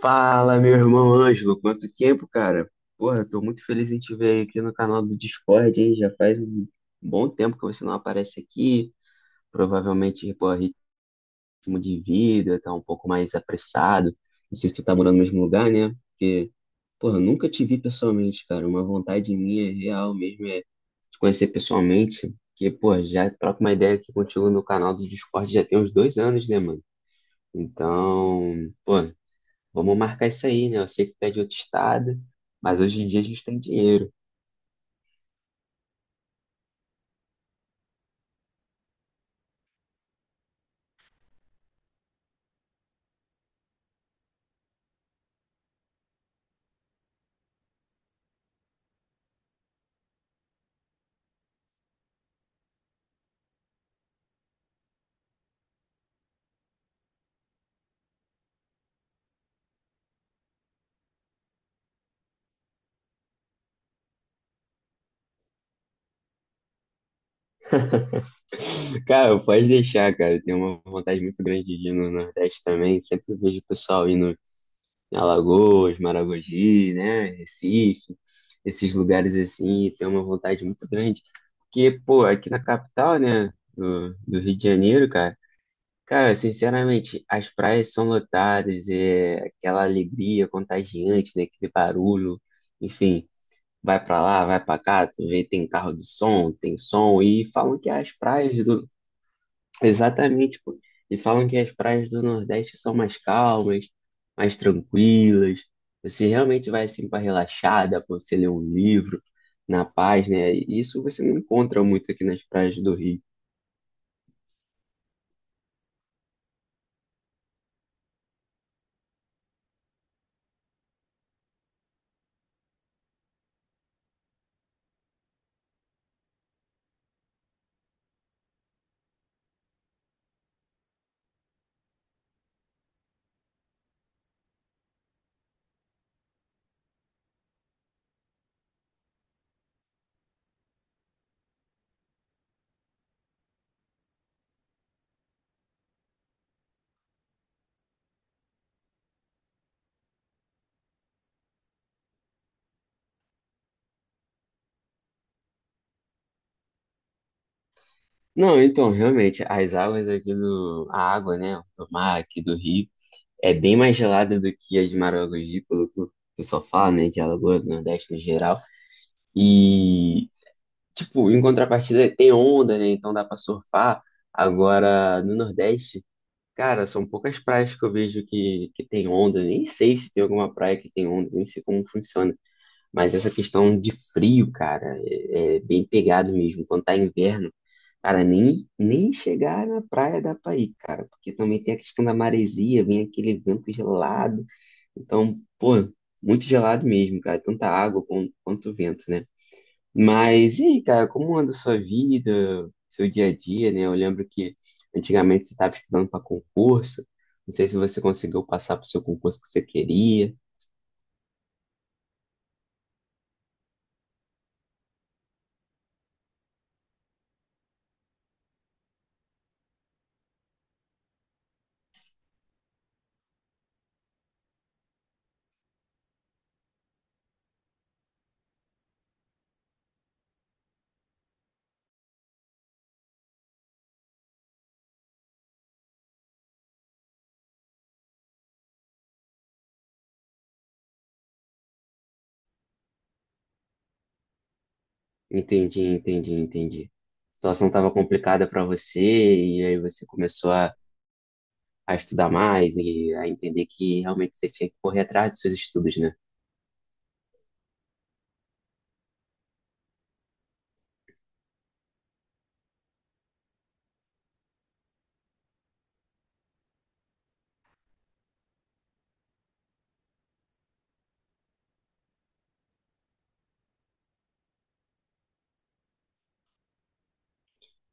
Fala, meu irmão Ângelo, quanto tempo, cara? Porra, tô muito feliz em te ver aqui no canal do Discord, hein? Já faz um bom tempo que você não aparece aqui. Provavelmente, pô, ritmo de vida tá um pouco mais apressado. Não sei se tu tá morando no mesmo lugar, né? Porque, porra, eu nunca te vi pessoalmente, cara. Uma vontade minha real mesmo é te conhecer pessoalmente. Que, pô, já troco uma ideia aqui contigo no canal do Discord já tem uns 2 anos, né, mano? Então, pô. Vamos marcar isso aí, né? Eu sei que tu é de outro estado, mas hoje em dia a gente tem dinheiro. Cara, pode deixar, cara. Eu tenho uma vontade muito grande de ir no Nordeste também. Sempre vejo o pessoal indo em Alagoas, Maragogi, né? Recife, esses lugares assim. Tenho uma vontade muito grande. Porque, pô, aqui na capital, né? Do Rio de Janeiro, cara. Cara, sinceramente, as praias são lotadas, é aquela alegria contagiante, né? Aquele barulho, enfim. Vai pra lá, vai pra cá, tu vê, tem carro de som, tem som, e falam que as praias do... Exatamente, pô. E falam que as praias do Nordeste são mais calmas, mais tranquilas. Você realmente vai assim pra relaxada, pra você ler um livro na paz, né? E isso você não encontra muito aqui nas praias do Rio. Não, então, realmente, as águas aqui do... A água, né? Do mar aqui do Rio é bem mais gelada do que as de Maragogi, pelo que o pessoal fala, né? De Alagoas do Nordeste no geral. E, tipo, em contrapartida, tem onda, né? Então dá pra surfar. Agora, no Nordeste, cara, são poucas praias que eu vejo que tem onda. Nem sei se tem alguma praia que tem onda, nem sei como funciona. Mas essa questão de frio, cara, é bem pegado mesmo. Quando tá inverno, cara, nem chegar na praia dá pra ir, cara. Porque também tem a questão da maresia, vem aquele vento gelado. Então, pô, muito gelado mesmo, cara. Tanto a água quanto o vento, né? Mas e aí, cara, como anda a sua vida, seu dia a dia, né? Eu lembro que antigamente você estava estudando para concurso. Não sei se você conseguiu passar para o seu concurso que você queria. Entendi, entendi, entendi. A situação estava complicada para você e aí você começou a estudar mais e a entender que realmente você tinha que correr atrás dos seus estudos, né?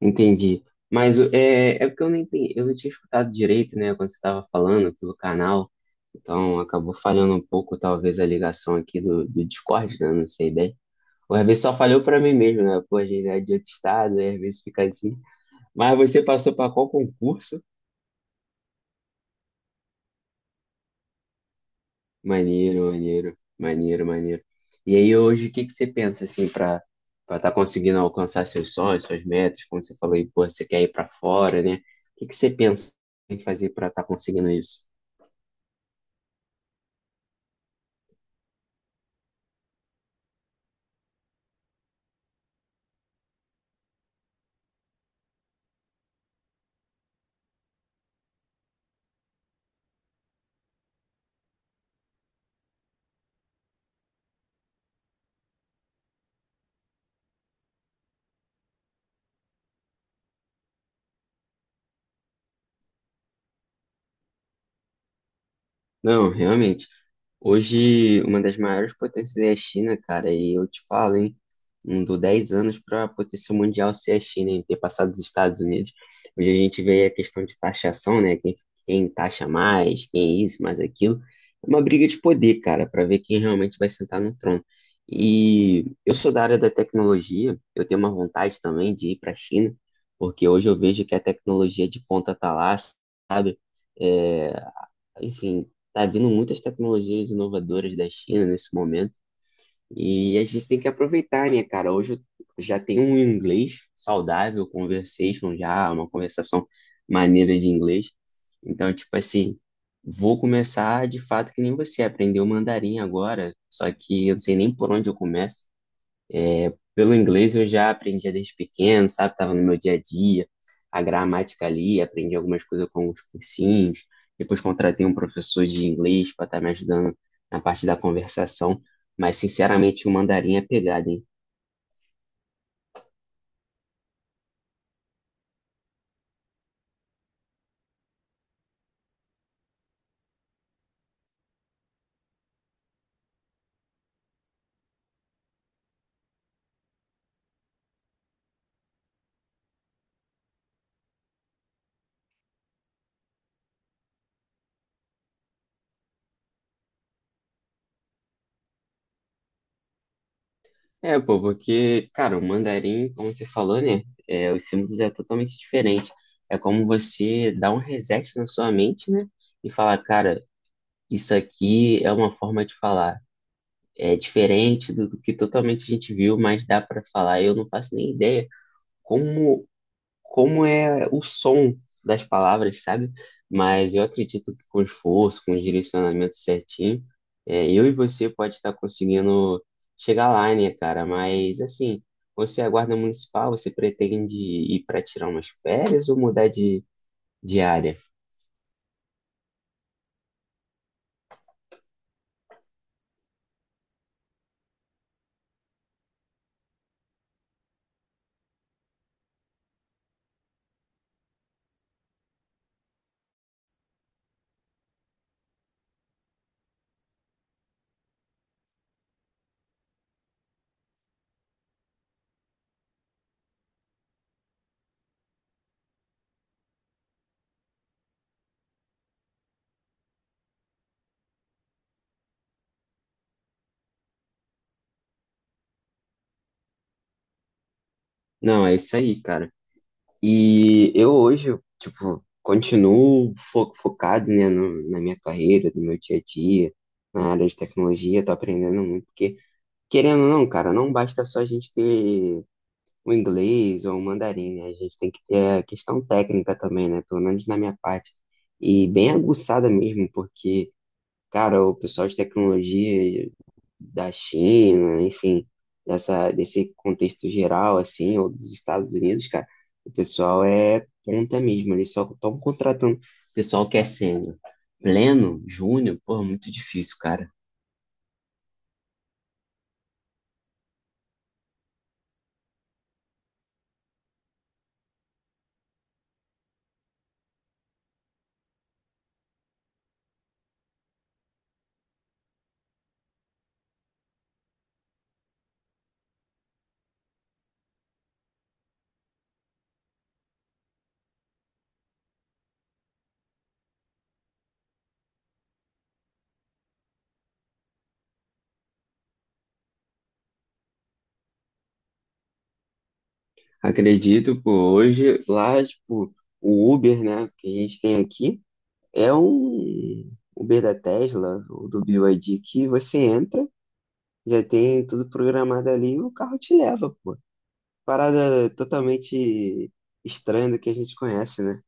Entendi. Mas é, é porque eu não entendi, eu não tinha escutado direito, né, quando você estava falando pelo canal. Então acabou falhando um pouco, talvez, a ligação aqui do Discord, né? Não sei bem. Ou às vezes só falhou para mim mesmo, né? Pô, a gente é de outro estado, aí às vezes fica assim. Mas você passou para qual concurso? Maneiro, maneiro, maneiro, maneiro. E aí hoje, o que que você pensa assim para estar conseguindo alcançar seus sonhos, suas metas? Como você falou aí, pô, você quer ir para fora, né? O que que você pensa em fazer para estar conseguindo isso? Não, realmente. Hoje, uma das maiores potências é a China, cara, e eu te falo, hein? Não dou 10 anos para a potência mundial ser a China, hein? Ter passado os Estados Unidos. Hoje a gente vê a questão de taxação, né? Quem taxa mais, quem é isso, mais aquilo. É uma briga de poder, cara, para ver quem realmente vai sentar no trono. E eu sou da área da tecnologia, eu tenho uma vontade também de ir para a China, porque hoje eu vejo que a tecnologia de ponta tá lá, sabe? É, enfim, tá vindo muitas tecnologias inovadoras da China nesse momento e a gente tem que aproveitar, né, cara? Hoje eu já tenho um inglês saudável, conversation já, é uma conversação maneira de inglês. Então, tipo assim, vou começar de fato que nem você, aprender o mandarim agora, só que eu não sei nem por onde eu começo. Pelo inglês eu já aprendia desde pequeno, sabe? Tava no meu dia a dia, a gramática ali, aprendi algumas coisas com os cursinhos. Depois contratei um professor de inglês para estar me ajudando na parte da conversação. Mas, sinceramente, o mandarim é pegada, hein? É, pô, porque, cara, o mandarim, como você falou, né? É, os símbolos é totalmente diferente. É como você dar um reset na sua mente, né? E falar, cara, isso aqui é uma forma de falar. É diferente do que totalmente a gente viu, mas dá para falar. Eu não faço nem ideia como, como é o som das palavras, sabe? Mas eu acredito que com esforço, com o direcionamento certinho, é, eu e você pode estar conseguindo chegar lá, né, cara? Mas assim, você é guarda municipal, você pretende ir para tirar umas férias ou mudar de área? Não, é isso aí, cara. E eu hoje, tipo, continuo focado, né, na minha carreira, no meu dia a dia, na área de tecnologia, tô aprendendo muito, porque, querendo ou não, cara, não basta só a gente ter o inglês ou o mandarim, né, a gente tem que ter a questão técnica também, né, pelo menos na minha parte, e bem aguçada mesmo, porque cara, o pessoal de tecnologia da China, enfim, desse contexto geral, assim, ou dos Estados Unidos, cara, o pessoal é ponta mesmo, eles só estão contratando pessoal que é sênior. Pleno, júnior, pô, é muito difícil, cara. Acredito, pô, hoje lá, tipo, o Uber, né, que a gente tem aqui, é um Uber da Tesla, ou do BYD que você entra, já tem tudo programado ali e o carro te leva, pô. Parada totalmente estranha do que a gente conhece, né?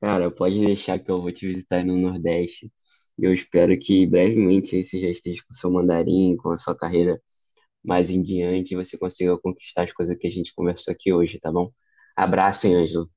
Cara, pode deixar que eu vou te visitar aí no Nordeste. Eu espero que brevemente aí você já esteja com seu mandarim, com a sua carreira mais em diante, e você consiga conquistar as coisas que a gente conversou aqui hoje, tá bom? Abraço, hein, Ângelo.